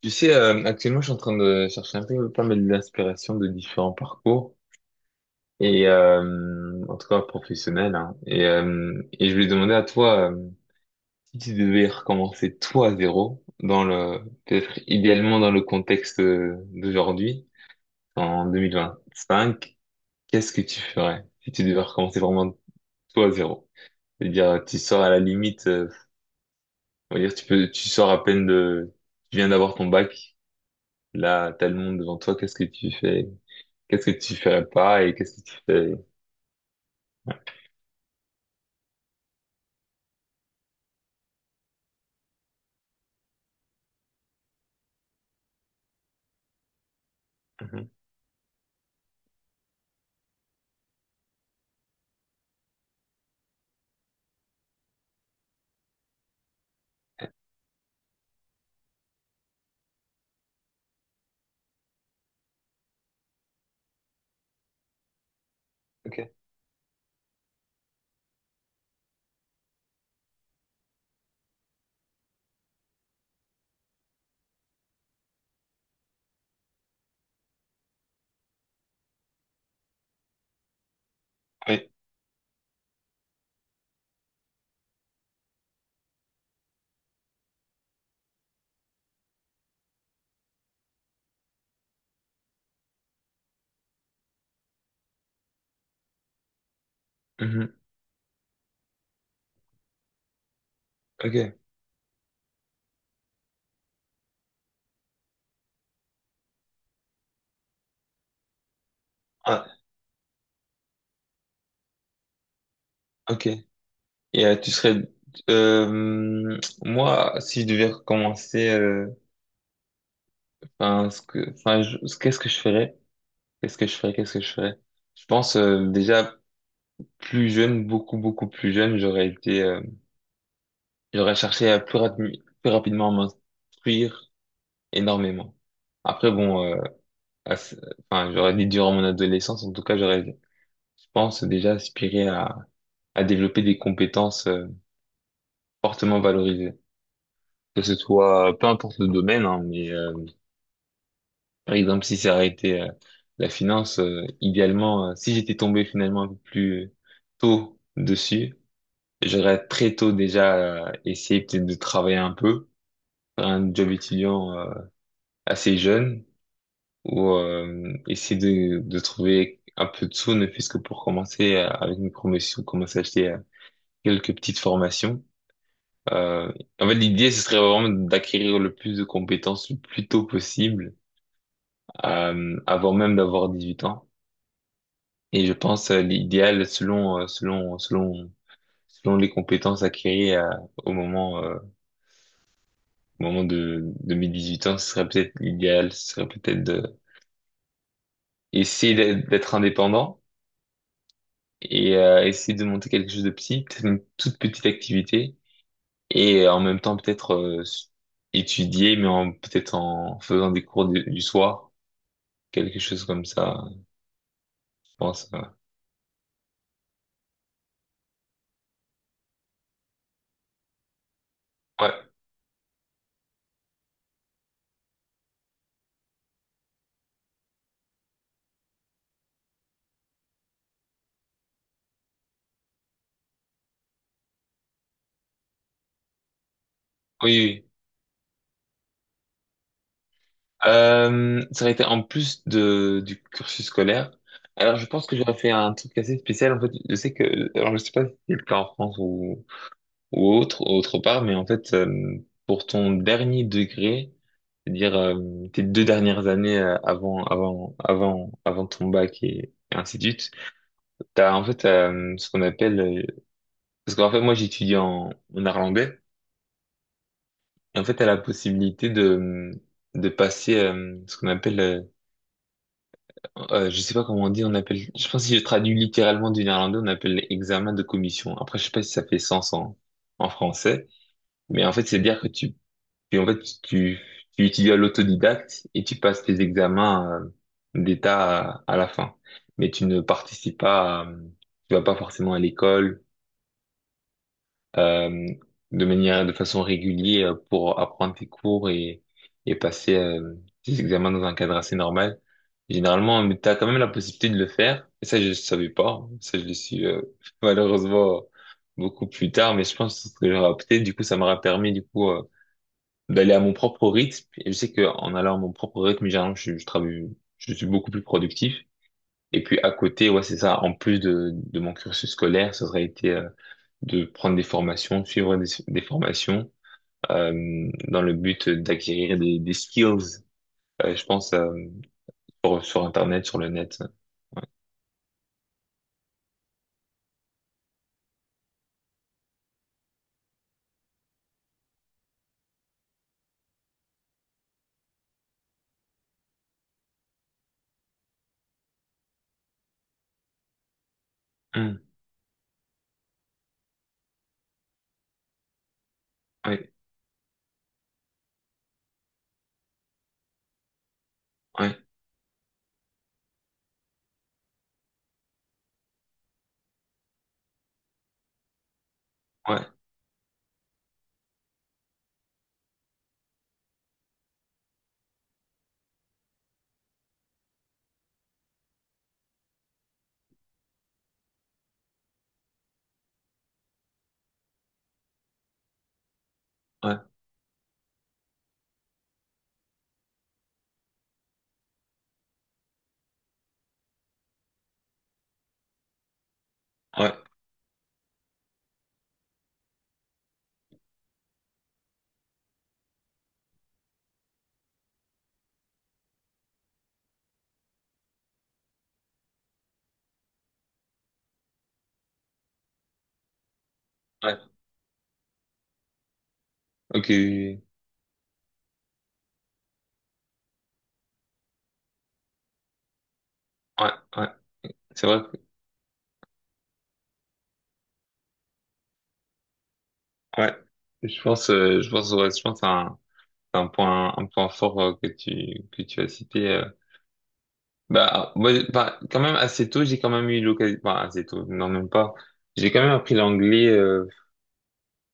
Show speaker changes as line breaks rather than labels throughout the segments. Tu sais, actuellement, je suis en train de chercher un peu pas mal d'inspiration de différents parcours, et en tout cas professionnels, hein. Et je voulais demander à toi, si tu devais recommencer toi à zéro, dans le, peut-être idéalement dans le contexte, d'aujourd'hui, en 2025, qu'est-ce que tu ferais si tu devais recommencer vraiment toi à zéro? C'est-à-dire, tu sors à la limite, on va dire, tu peux, tu sors à peine de, tu viens d'avoir ton bac, là, t'as le monde devant toi, qu'est-ce que tu fais? Qu'est-ce que tu ferais pas et qu'est-ce que tu fais? Mhm. Ok. Oui. Mhm. Ok. Ah, ok. Et tu serais, euh, moi si je devais recommencer, enfin ce que enfin qu'est-ce que je ferais? Qu'est-ce que je ferais? Qu'est-ce que je ferais? Je pense, déjà plus jeune, beaucoup beaucoup plus jeune, j'aurais été, j'aurais cherché à plus, plus rapidement m'instruire énormément. Après bon, à ce- enfin j'aurais dit durant mon adolescence en tout cas j'aurais je pense déjà aspiré à développer des compétences, fortement valorisées. Que ce soit, peu importe le domaine, hein, mais par exemple, si ça aurait été, la finance, idéalement, si j'étais tombé finalement un peu plus tôt dessus, j'aurais très tôt déjà, essayé peut-être de travailler un peu, faire un job étudiant, assez jeune, ou essayer de trouver un peu de sous, ne fût-ce que pour commencer, avec une promotion, commencer à acheter, quelques petites formations. Euh, En fait, l'idée, ce serait vraiment d'acquérir le plus de compétences le plus tôt possible, avant même d'avoir 18 ans. Et je pense, l'idéal, selon les compétences acquises, au moment, euh, au moment de mes 18 ans, ce serait peut-être l'idéal, ce serait peut-être de essayer d'être indépendant et essayer de monter quelque chose de petit, peut-être une toute petite activité, et en même temps peut-être, étudier, mais en peut-être en faisant des cours du soir quelque chose comme ça, je pense. Ouais. Ouais. Oui, oui. Ça aurait été en plus du cursus scolaire. Alors, je pense que j'aurais fait un truc assez spécial. En fait, je sais que, alors je sais pas si c'est le cas en France ou autre part, mais en fait, pour ton dernier degré, c'est-à-dire, tes deux dernières années, avant ton bac, et ainsi de suite, t'as en fait, parce qu'en fait, moi, j'étudie en néerlandais. Et en fait, t'as la possibilité de passer, je sais pas comment on dit, on appelle, je pense que si je traduis littéralement du néerlandais, on appelle l'examen de commission. Après, je sais pas si ça fait sens en français, mais en fait, c'est dire que en fait, tu, tu étudies à l'autodidacte et tu passes tes examens, d'état à la fin. Mais tu ne participes pas, tu vas pas forcément à l'école, euh, de manière, de façon régulière, pour apprendre tes cours, et passer, tes examens dans un cadre assez normal. Généralement, tu as quand même la possibilité de le faire. Et ça, je ne savais pas. Ça, je le suis, malheureusement beaucoup plus tard, mais je pense que j'aurais opté. Du coup, ça m'aura permis du coup, d'aller à mon propre rythme. Et je sais qu'en allant à mon propre rythme, généralement, je travaille, je suis beaucoup plus productif. Et puis à côté, ouais, c'est ça. En plus de mon cursus scolaire, ça aurait été, de prendre des formations, suivre des formations, dans le but d'acquérir des skills, je pense, sur Internet, sur le net. Hmm. Ouais, ouais, ouais, ouais, ouais, ouais. Ok, ouais, ouais. C'est vrai que, ouais. Je pense, ouais, je pense à un point fort, que tu as cité. Bah, moi, bah, quand même assez tôt, j'ai quand même eu l'occasion, bah, assez tôt, non, même pas. J'ai quand même appris l'anglais,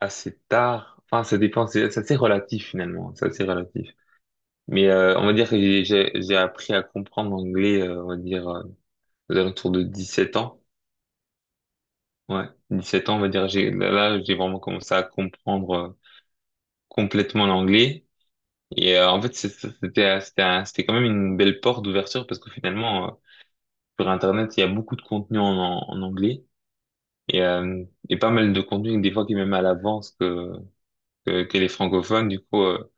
assez tard. Enfin, ça dépend, c'est assez relatif finalement, c'est assez relatif. Mais on va dire que j'ai appris à comprendre l'anglais, on va dire, aux alentours de 17 ans. Ouais, 17 ans, on va dire, j'ai là, là, j'ai vraiment commencé à comprendre, complètement l'anglais. Et en fait, c'était, c'était quand même une belle porte d'ouverture parce que finalement, sur Internet, il y a beaucoup de contenu en anglais. Et, euh, et pas mal de contenu, des fois qui est même à l'avance que, les francophones. Du coup,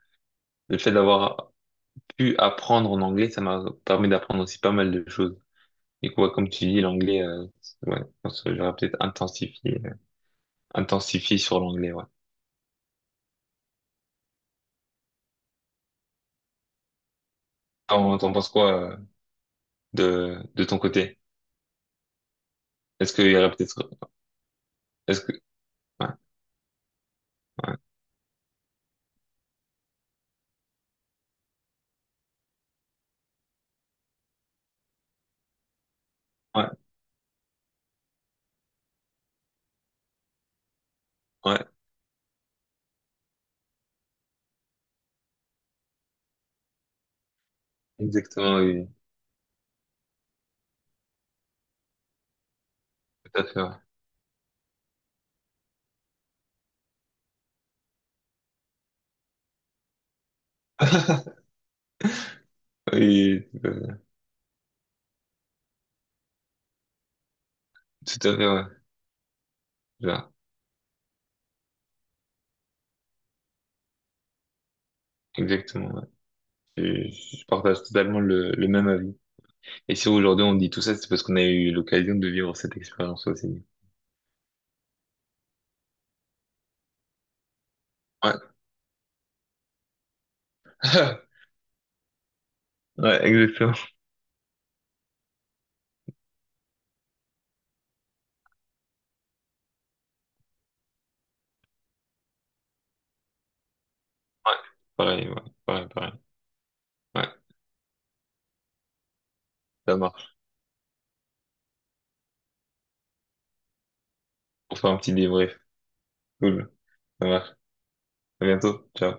le fait d'avoir pu apprendre en anglais, ça m'a permis d'apprendre aussi pas mal de choses. Du coup, ouais, comme tu dis, l'anglais, ouais, je pense que j'aurais peut-être intensifié, intensifié sur l'anglais, ouais. T'en penses quoi, de ton côté? Est-ce qu'il y aurait peut-être, est-ce que, ouais, ouais, ouais, ouais, exactement, oui, tout à fait, ouais. Oui, tout à fait, ouais. Là, exactement, ouais. Je, je partage totalement le même avis. Et si aujourd'hui on dit tout ça, c'est parce qu'on a eu l'occasion de vivre cette expérience aussi. Ouais, ouais, exactement. Ouais, ouais, pareil, pareil. Ouais, ça marche. On fait un petit débrief. Cool. Ça marche. À bientôt. Ciao.